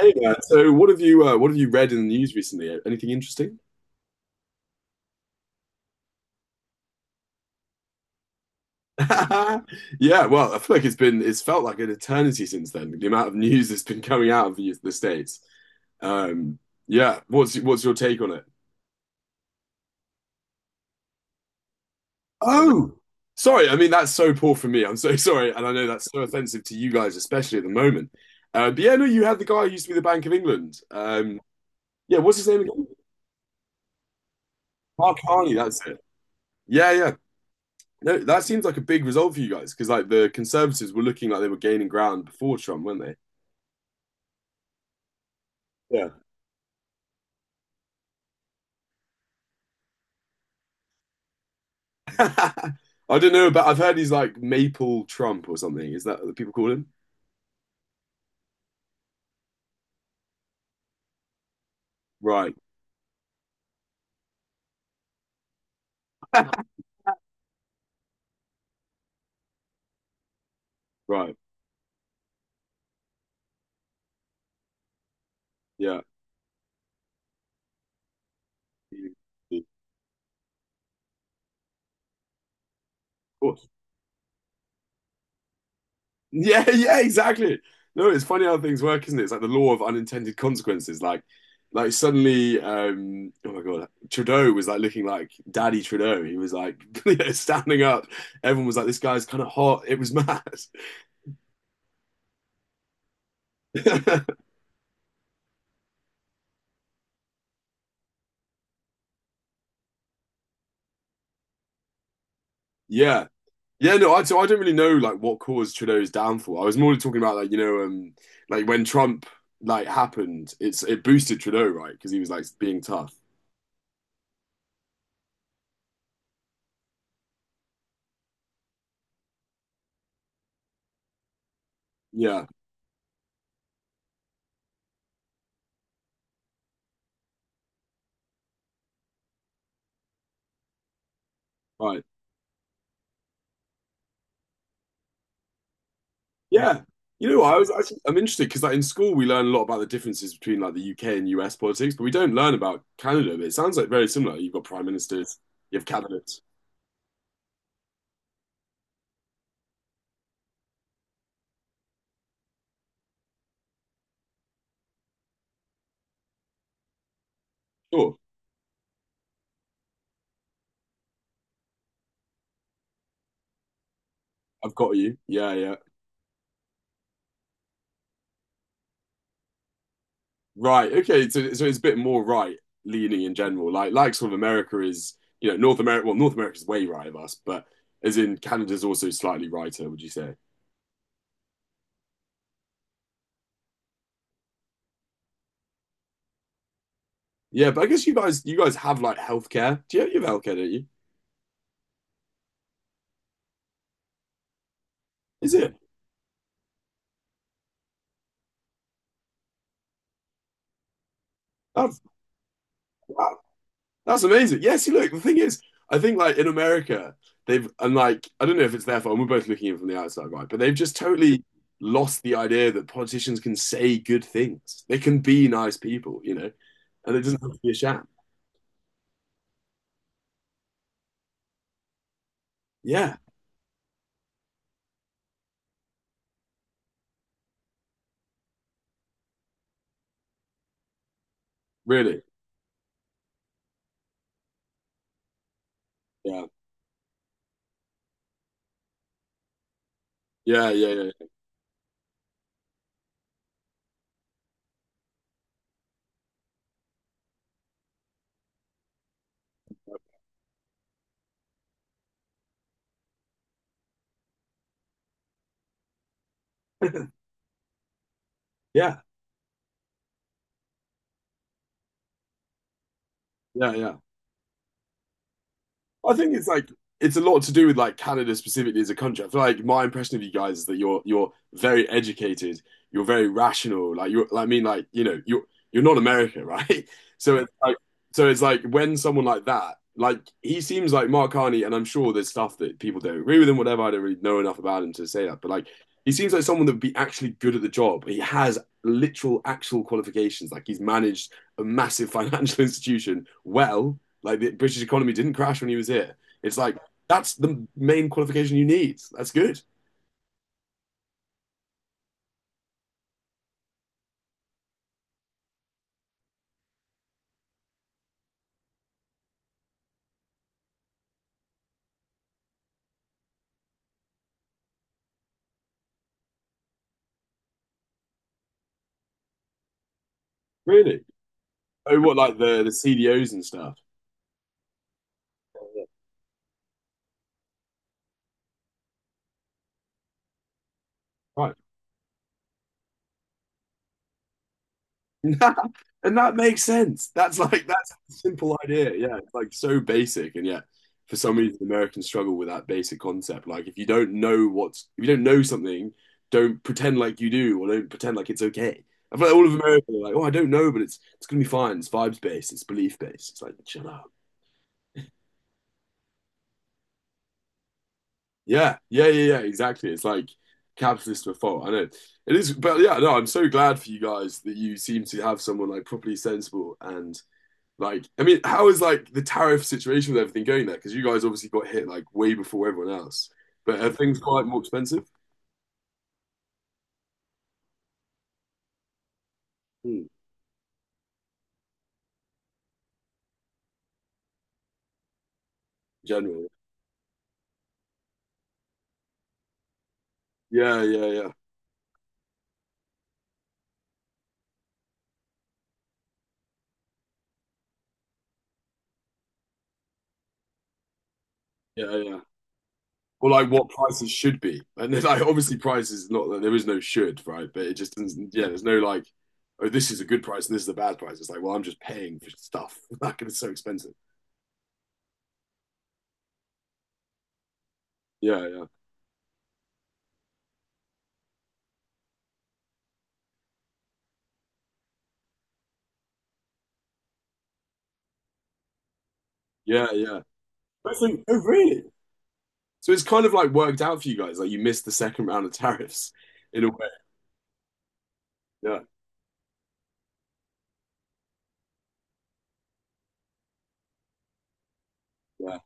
Hey there. So, what have you read in the news recently? Anything interesting? Yeah, well, I feel like it's felt like an eternity since then. The amount of news that's been coming out of the States. Um, yeah, what's your take on it? Oh, sorry. I mean, that's so poor for me. I'm so sorry, and I know that's so offensive to you guys, especially at the moment. But yeah, no, you had the guy who used to be the Bank of England. Yeah, what's his name again? Mark Carney. That's it. Yeah, yeah. No, that seems like a big result for you guys because like the Conservatives were looking like they were gaining ground before Trump, weren't they? Yeah. I don't know, but I've heard he's like Maple Trump or something. Is that what people call him? Right, right. Yeah. Of course. Yeah, yeah, exactly. No, it's funny how things work, isn't it? It's like the law of unintended consequences. Like suddenly, oh my God, Trudeau was like looking like Daddy Trudeau. He was like, standing up. Everyone was like, this guy's kind of hot. It was mad. Yeah. Yeah, no, so I don't really know like what caused Trudeau's downfall. I was more talking about like you know like when Trump like happened, it boosted Trudeau, right, because he was like being tough. Yeah, right. Yeah, you know what, I'm interested because like in school we learn a lot about the differences between like the UK and US politics, but we don't learn about Canada. But it sounds like very similar. You've got prime ministers, you have cabinets. Sure, I've got you. Yeah, yeah. Right. Okay. So, so it's a bit more right leaning in general. Like sort of America is, you know, North America. Well, North America's way right of us, but as in Canada's also slightly righter. Would you say? Yeah. But I guess you guys have like healthcare. Do you have healthcare? Don't you? Is it? That's wow, that's amazing. Yes. You look. The thing is, I think like in America, they've and like I don't know if it's their fault. And we're both looking in from the outside, right? But they've just totally lost the idea that politicians can say good things. They can be nice people, you know, and it doesn't have to be a sham. Yeah. Really? Yeah. Yeah, yeah, yeah. Yeah, yeah, yeah. I think it's like it's a lot to do with like Canada specifically as a country. I feel like my impression of you guys is that you're very educated, you're very rational. Like you I mean, like you know, you're not America, right? So it's like so it's like when someone like that, like he seems like Mark Carney, and I'm sure there's stuff that people don't agree with him, whatever. I don't really know enough about him to say that, but like he seems like someone that would be actually good at the job. He has literal actual qualifications. Like he's managed a massive financial institution well like the British economy didn't crash when he was here. It's like that's the main qualification you need. That's good. Really? Oh, what like the CDOs and stuff. Right. And that makes sense. That's like that's a simple idea. Yeah, it's like so basic, and yet for some reason Americans struggle with that basic concept. Like if you don't know what's if you don't know something, don't pretend like you do, or don't pretend like it's okay. I feel like all of America are like, oh, I don't know, but it's gonna be fine. It's vibes based. It's belief based. It's like chill out. Yeah, yeah, yeah, yeah, exactly. It's like capitalist to a fault. I know it is, but yeah, no, I'm so glad for you guys that you seem to have someone like properly sensible and like. I mean, how is like the tariff situation with everything going there? Because you guys obviously got hit like way before everyone else. But are things quite more expensive? Hmm, generally, yeah, yeah, yeah, yeah, yeah. Or like what prices should be. And then, like obviously prices not that there is no should, right? But it just doesn't yeah, there's no like, oh, this is a good price and this is a bad price. It's like, well, I'm just paying for stuff. Like it's so expensive. Yeah, yeah. Yeah, yeah. But it's like, oh really? So it's kind of like worked out for you guys. Like you missed the second round of tariffs in a way. Yeah. Yeah.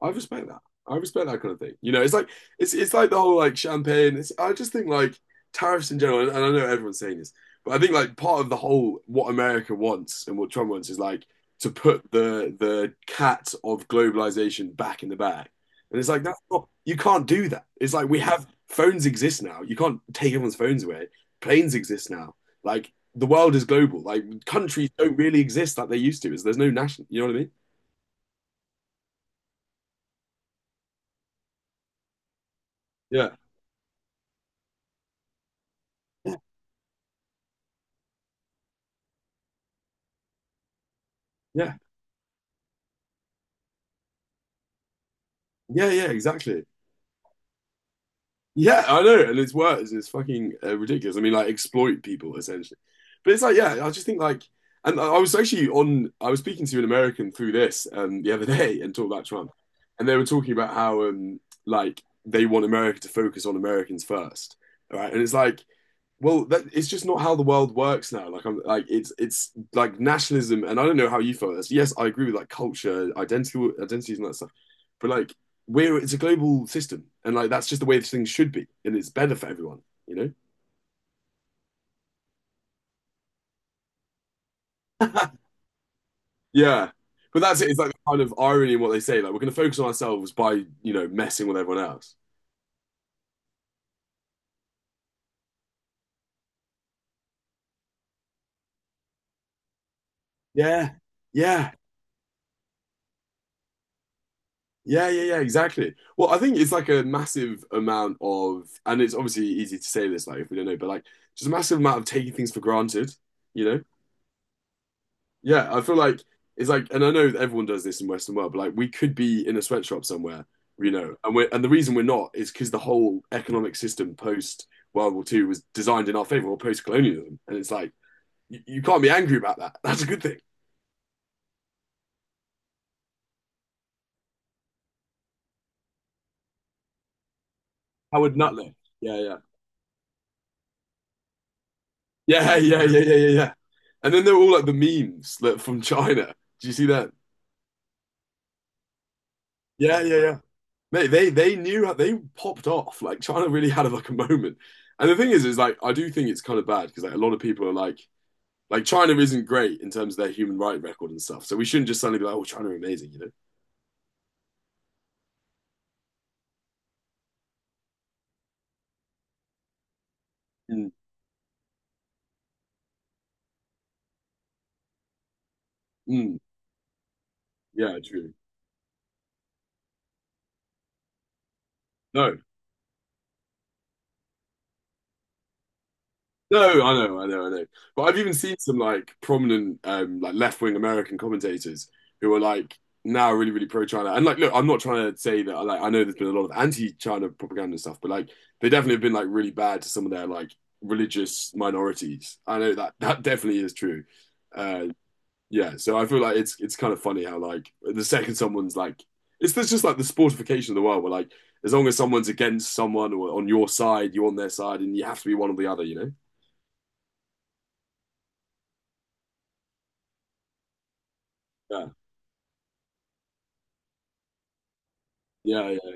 I respect that. I respect that kind of thing. You know, it's like the whole like champagne. It's, I just think like tariffs in general, and I know everyone's saying this, but I think like part of the whole what America wants and what Trump wants is like to put the cat of globalization back in the bag. And it's like that's not you can't do that. It's like we have phones exist now. You can't take everyone's phones away. Planes exist now. Like the world is global. Like countries don't really exist like they used to. Is there's no national. You know what I mean? Yeah. Yeah. Yeah, yeah, exactly. Yeah, I know, and it's worse. It's fucking ridiculous. I mean, like exploit people essentially. But it's like, yeah, I just think like, and I was actually on. I was speaking to an American through this the other day and talked about Trump, and they were talking about how like they want America to focus on Americans first, all right? And it's like well that, it's just not how the world works now like I'm like it's like nationalism and I don't know how you feel this yes I agree with like culture identity identities and that stuff but like we're it's a global system and like that's just the way things should be and it's better for everyone you know. Yeah, but that's it. It's like the kind of irony in what they say like we're going to focus on ourselves by you know messing with everyone else. Yeah, yeah. Yeah, yeah, yeah, exactly. Well, I think it's like a massive amount of, and it's obviously easy to say this, like if we don't know, but like just a massive amount of taking things for granted, you know? Yeah, I feel like it's like, and I know that everyone does this in Western world, but like we could be in a sweatshop somewhere, you know, and the reason we're not is because the whole economic system post World War Two was designed in our favor or post colonialism, and it's like you can't be angry about that. That's a good thing. Howard Nutley. Yeah, yeah. Yeah, yeah, yeah, yeah, yeah, yeah. And then they're all like the memes like, from China. Do you see that? Yeah, yeah, yeah. Mate, they knew how they popped off. Like China really had like a moment. And the thing is like I do think it's kind of bad because like a lot of people are like China isn't great in terms of their human right record and stuff. So we shouldn't just suddenly be like, oh, China are amazing, you know? Mm, mm, yeah, true. No. No, I know, I know, I know. But I've even seen some like prominent like left-wing American commentators who are like now really, really pro-China. And like look, I'm not trying to say that like I know there's been a lot of anti-China propaganda and stuff, but like they definitely have been like really bad to some of their like religious minorities. I know that that definitely is true. Uh yeah, so I feel like it's kind of funny how like the second someone's like it's there's just like the sportification of the world where like as long as someone's against someone or on your side, you're on their side and you have to be one or the other, you know? Yeah. Yeah, yeah,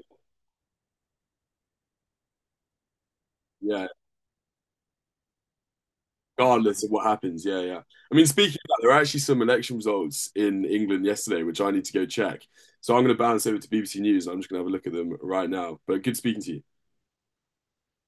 yeah. Regardless of what happens, yeah, yeah. I mean, speaking of that, there are actually some election results in England yesterday, which I need to go check. So I'm going to bounce over to BBC News. And I'm just going to have a look at them right now. But good speaking to you.